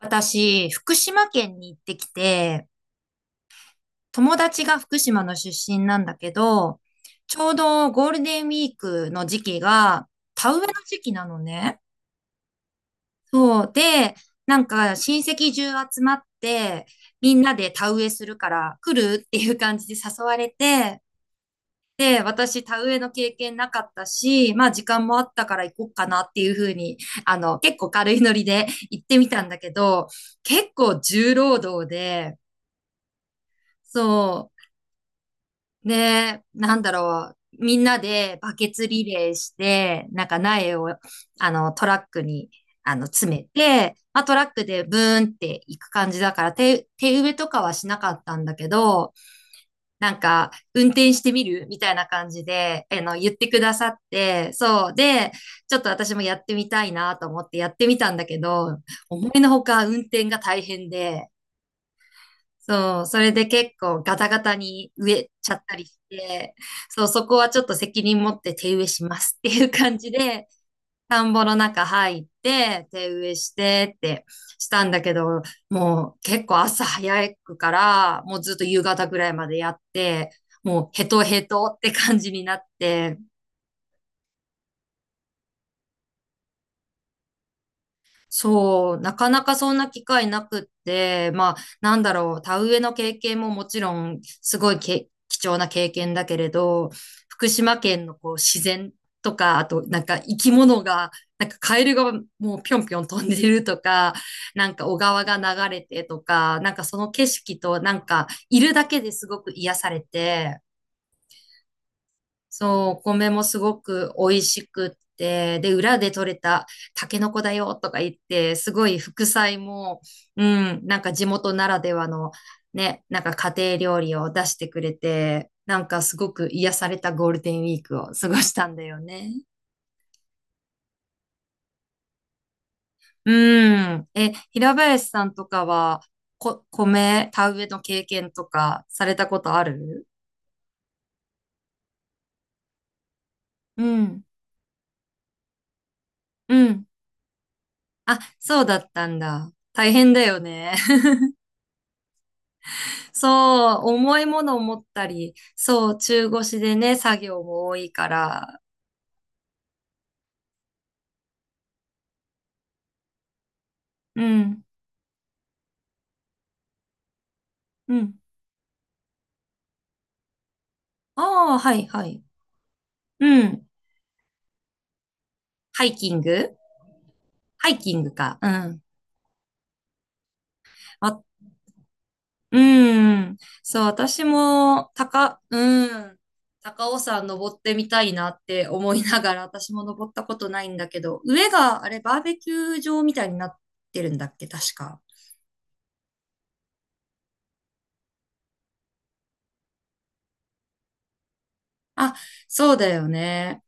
私、福島県に行ってきて、友達が福島の出身なんだけど、ちょうどゴールデンウィークの時期が田植えの時期なのね。そう。で、親戚中集まって、みんなで田植えするから来るっていう感じで誘われて、で、私田植えの経験なかったし、まあ時間もあったから行こうかなっていうふうに、結構軽いノリで行ってみたんだけど、結構重労働で、そう。で、なんだろう。みんなでバケツリレーして、なんか苗を、トラックに、詰めて、まあ、トラックでブーンって行く感じだから、手植えとかはしなかったんだけど、なんか、運転してみるみたいな感じで、言ってくださって、そう。で、ちょっと私もやってみたいなと思ってやってみたんだけど、思いのほか運転が大変で、そう、それで結構ガタガタに植えちゃったりして、そう、そこはちょっと責任持って手植えしますっていう感じで、田んぼの中入って、手植えしてってしたんだけど、もう結構朝早くから、もうずっと夕方ぐらいまでやって、もうヘトヘトって感じになって、そう、なかなかそんな機会なくって、まあ、なんだろう、田植えの経験ももちろん、すごいけ貴重な経験だけれど、福島県のこう自然とか、あとなんか生き物が、なんかカエルがもうぴょんぴょん飛んでるとか、なんか小川が流れてとか、なんかその景色となんかいるだけですごく癒されて、そう、お米もすごく美味しくって、で、裏で採れたタケノコだよとか言って、すごい副菜も、うん、なんか地元ならではの、ね、なんか家庭料理を出してくれて、なんかすごく癒されたゴールデンウィークを過ごしたんだよね。うん。え、平林さんとかは、田植えの経験とかされたことある？うん。うん。あ、そうだったんだ。大変だよね。そう、重いものを持ったり、そう、中腰でね、作業も多いから。うん、うん。ああ、はい、はい。うん。ハイキングハイキングか。うん。あ、うん。そう、私も、高、うん。高尾山登ってみたいなって思いながら、私も登ったことないんだけど、上が、あれ、バーベキュー場みたいになってるんだっけ、確か。あ、そうだよね。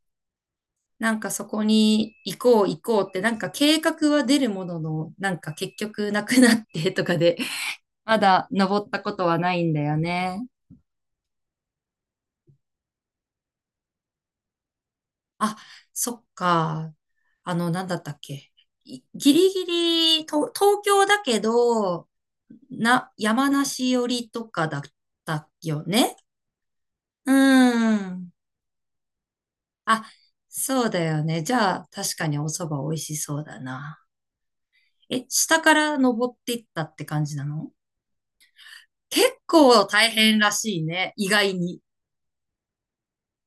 なんかそこに行こうって、なんか計画は出るものの、なんか結局なくなってとかで、まだ登ったことはないんだよね。あ、そっか。あの、なんだったっけ。いギリギリ、と東京だけど、山梨寄りとかだったよね。うーん。あ、そうだよね。じゃあ、確かにお蕎麦美味しそうだな。え、下から登っていったって感じなの？結構大変らしいね、意外に。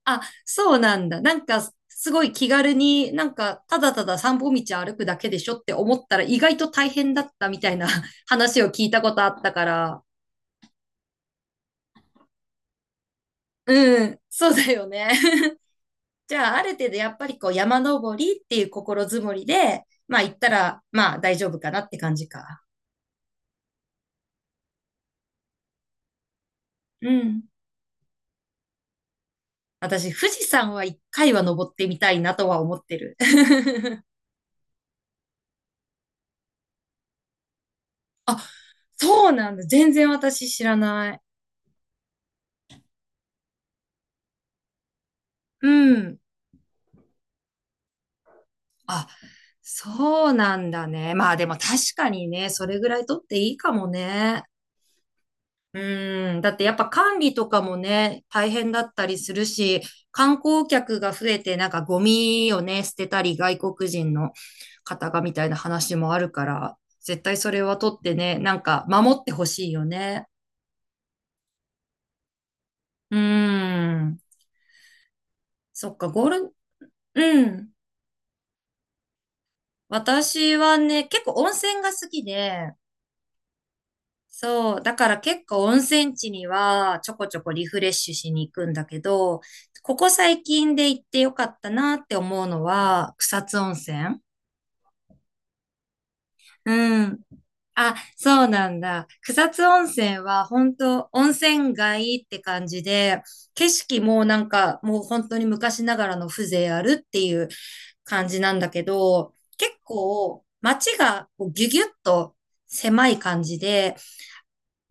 あ、そうなんだ。なんか、すごい気軽に、なんか、ただただ散歩道歩くだけでしょって思ったら、意外と大変だったみたいな 話を聞いたことあったから。うん、そうだよね。じゃあ、ある程度やっぱりこう、山登りっていう心づもりで、まあ行ったら、まあ大丈夫かなって感じか。うん。私、富士山は一回は登ってみたいなとは思ってる。あ、そうなんだ。全然私知らない。うん。あ、そうなんだね。まあでも確かにね、それぐらい取っていいかもね。うん。だってやっぱ管理とかもね、大変だったりするし、観光客が増えてなんかゴミをね、捨てたり外国人の方がみたいな話もあるから、絶対それは取ってね、なんか守ってほしいよね。うん。そっか、ゴール、うん。私はね、結構温泉が好きで、そう。だから結構温泉地にはちょこちょこリフレッシュしに行くんだけど、ここ最近で行ってよかったなって思うのは草津温泉。うん。あ、そうなんだ。草津温泉は本当温泉街って感じで、景色もなんかもう本当に昔ながらの風情あるっていう感じなんだけど、結構街がこうギュギュッと狭い感じで、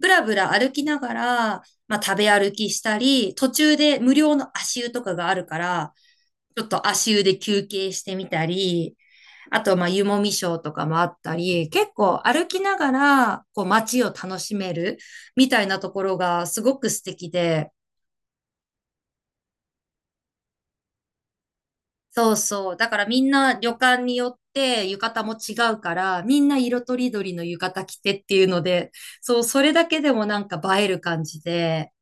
ぶらぶら歩きながら、まあ、食べ歩きしたり、途中で無料の足湯とかがあるから、ちょっと足湯で休憩してみたり、あと、まあ、湯もみショーとかもあったり、結構歩きながら、こう、街を楽しめるみたいなところがすごく素敵で、そうそう。だからみんな旅館によって浴衣も違うから、みんな色とりどりの浴衣着てっていうので、そう、それだけでもなんか映える感じで、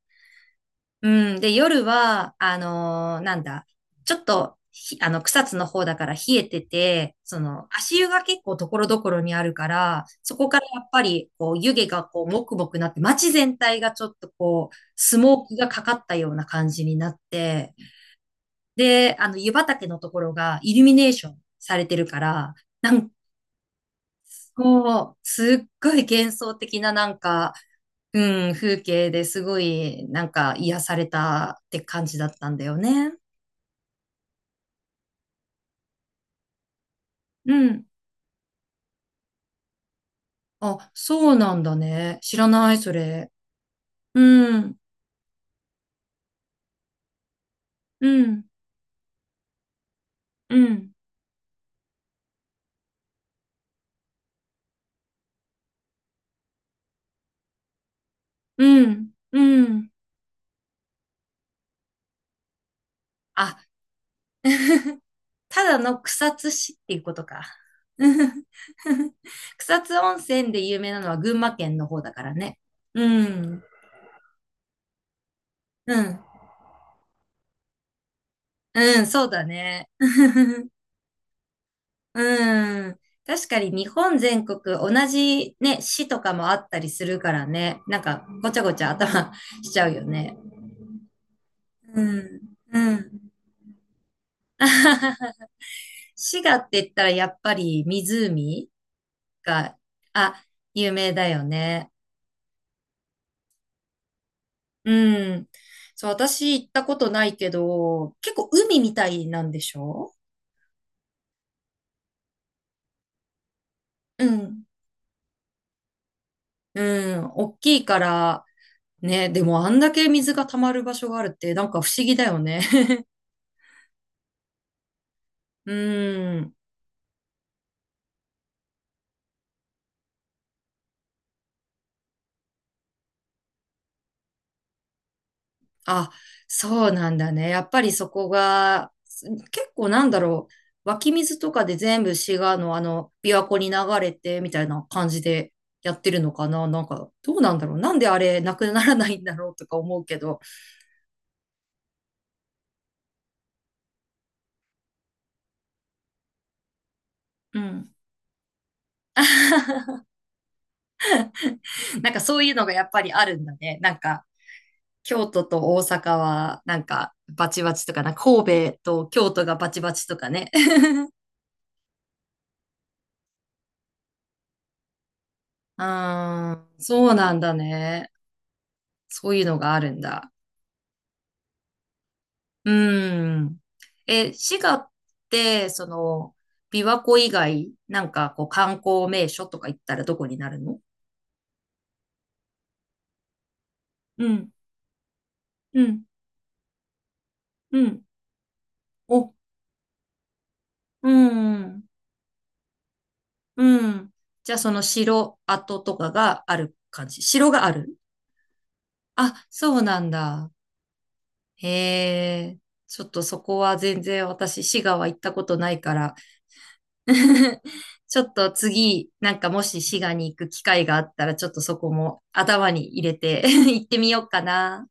うん。で、夜は、あのーなんだ、ちょっと、ひあの、草津の方だから冷えてて、その、足湯が結構ところどころにあるから、そこからやっぱり、こう、湯気がこう、もくもくなって、街全体がちょっとこう、スモークがかかったような感じになって、で、あの、湯畑のところがイルミネーションされてるから、なんかこう、すっごい幻想的ななんか、うん、風景ですごい、なんか癒されたって感じだったんだよね。うん。あ、そうなんだね。知らない、それ。うん、うん、うん、うん、うん。あ、ただの草津市っていうことか。草津温泉で有名なのは群馬県の方だからね。うん、うん、うん、そうだね。うん。確かに日本全国同じね、市とかもあったりするからね。なんかごちゃごちゃ頭 しちゃうよね。うん、うん。滋賀って言ったらやっぱり湖が、あ、有名だよね。うん。そう、私行ったことないけど、結構海みたいなんでしょ？うん。うん。大きいから、ね、でもあんだけ水が溜まる場所があるって、なんか不思議だよね。うん。あ、そうなんだね。やっぱりそこが、す結構なんだろう。湧き水とかで全部滋賀のあの、琵琶湖に流れてみたいな感じでやってるのかな。なんか、どうなんだろう。なんであれなくならないんだろうとか思うけど。うん。なんかそういうのがやっぱりあるんだね。なんか、京都と大阪は、なんか、バチバチとかな、神戸と京都がバチバチとかね。うーん、そうなんだね。そういうのがあるんだ。うん。え、滋賀って、その、琵琶湖以外、なんかこう観光名所とか行ったらどこになるの？うん、うん、うん。お、うん、うん。じゃあその城跡とかがある感じ。城がある？あ、そうなんだ。へえ。ちょっとそこは全然私、滋賀は行ったことないから、ちょっと次、なんかもし滋賀に行く機会があったら、ちょっとそこも頭に入れて 行ってみようかな。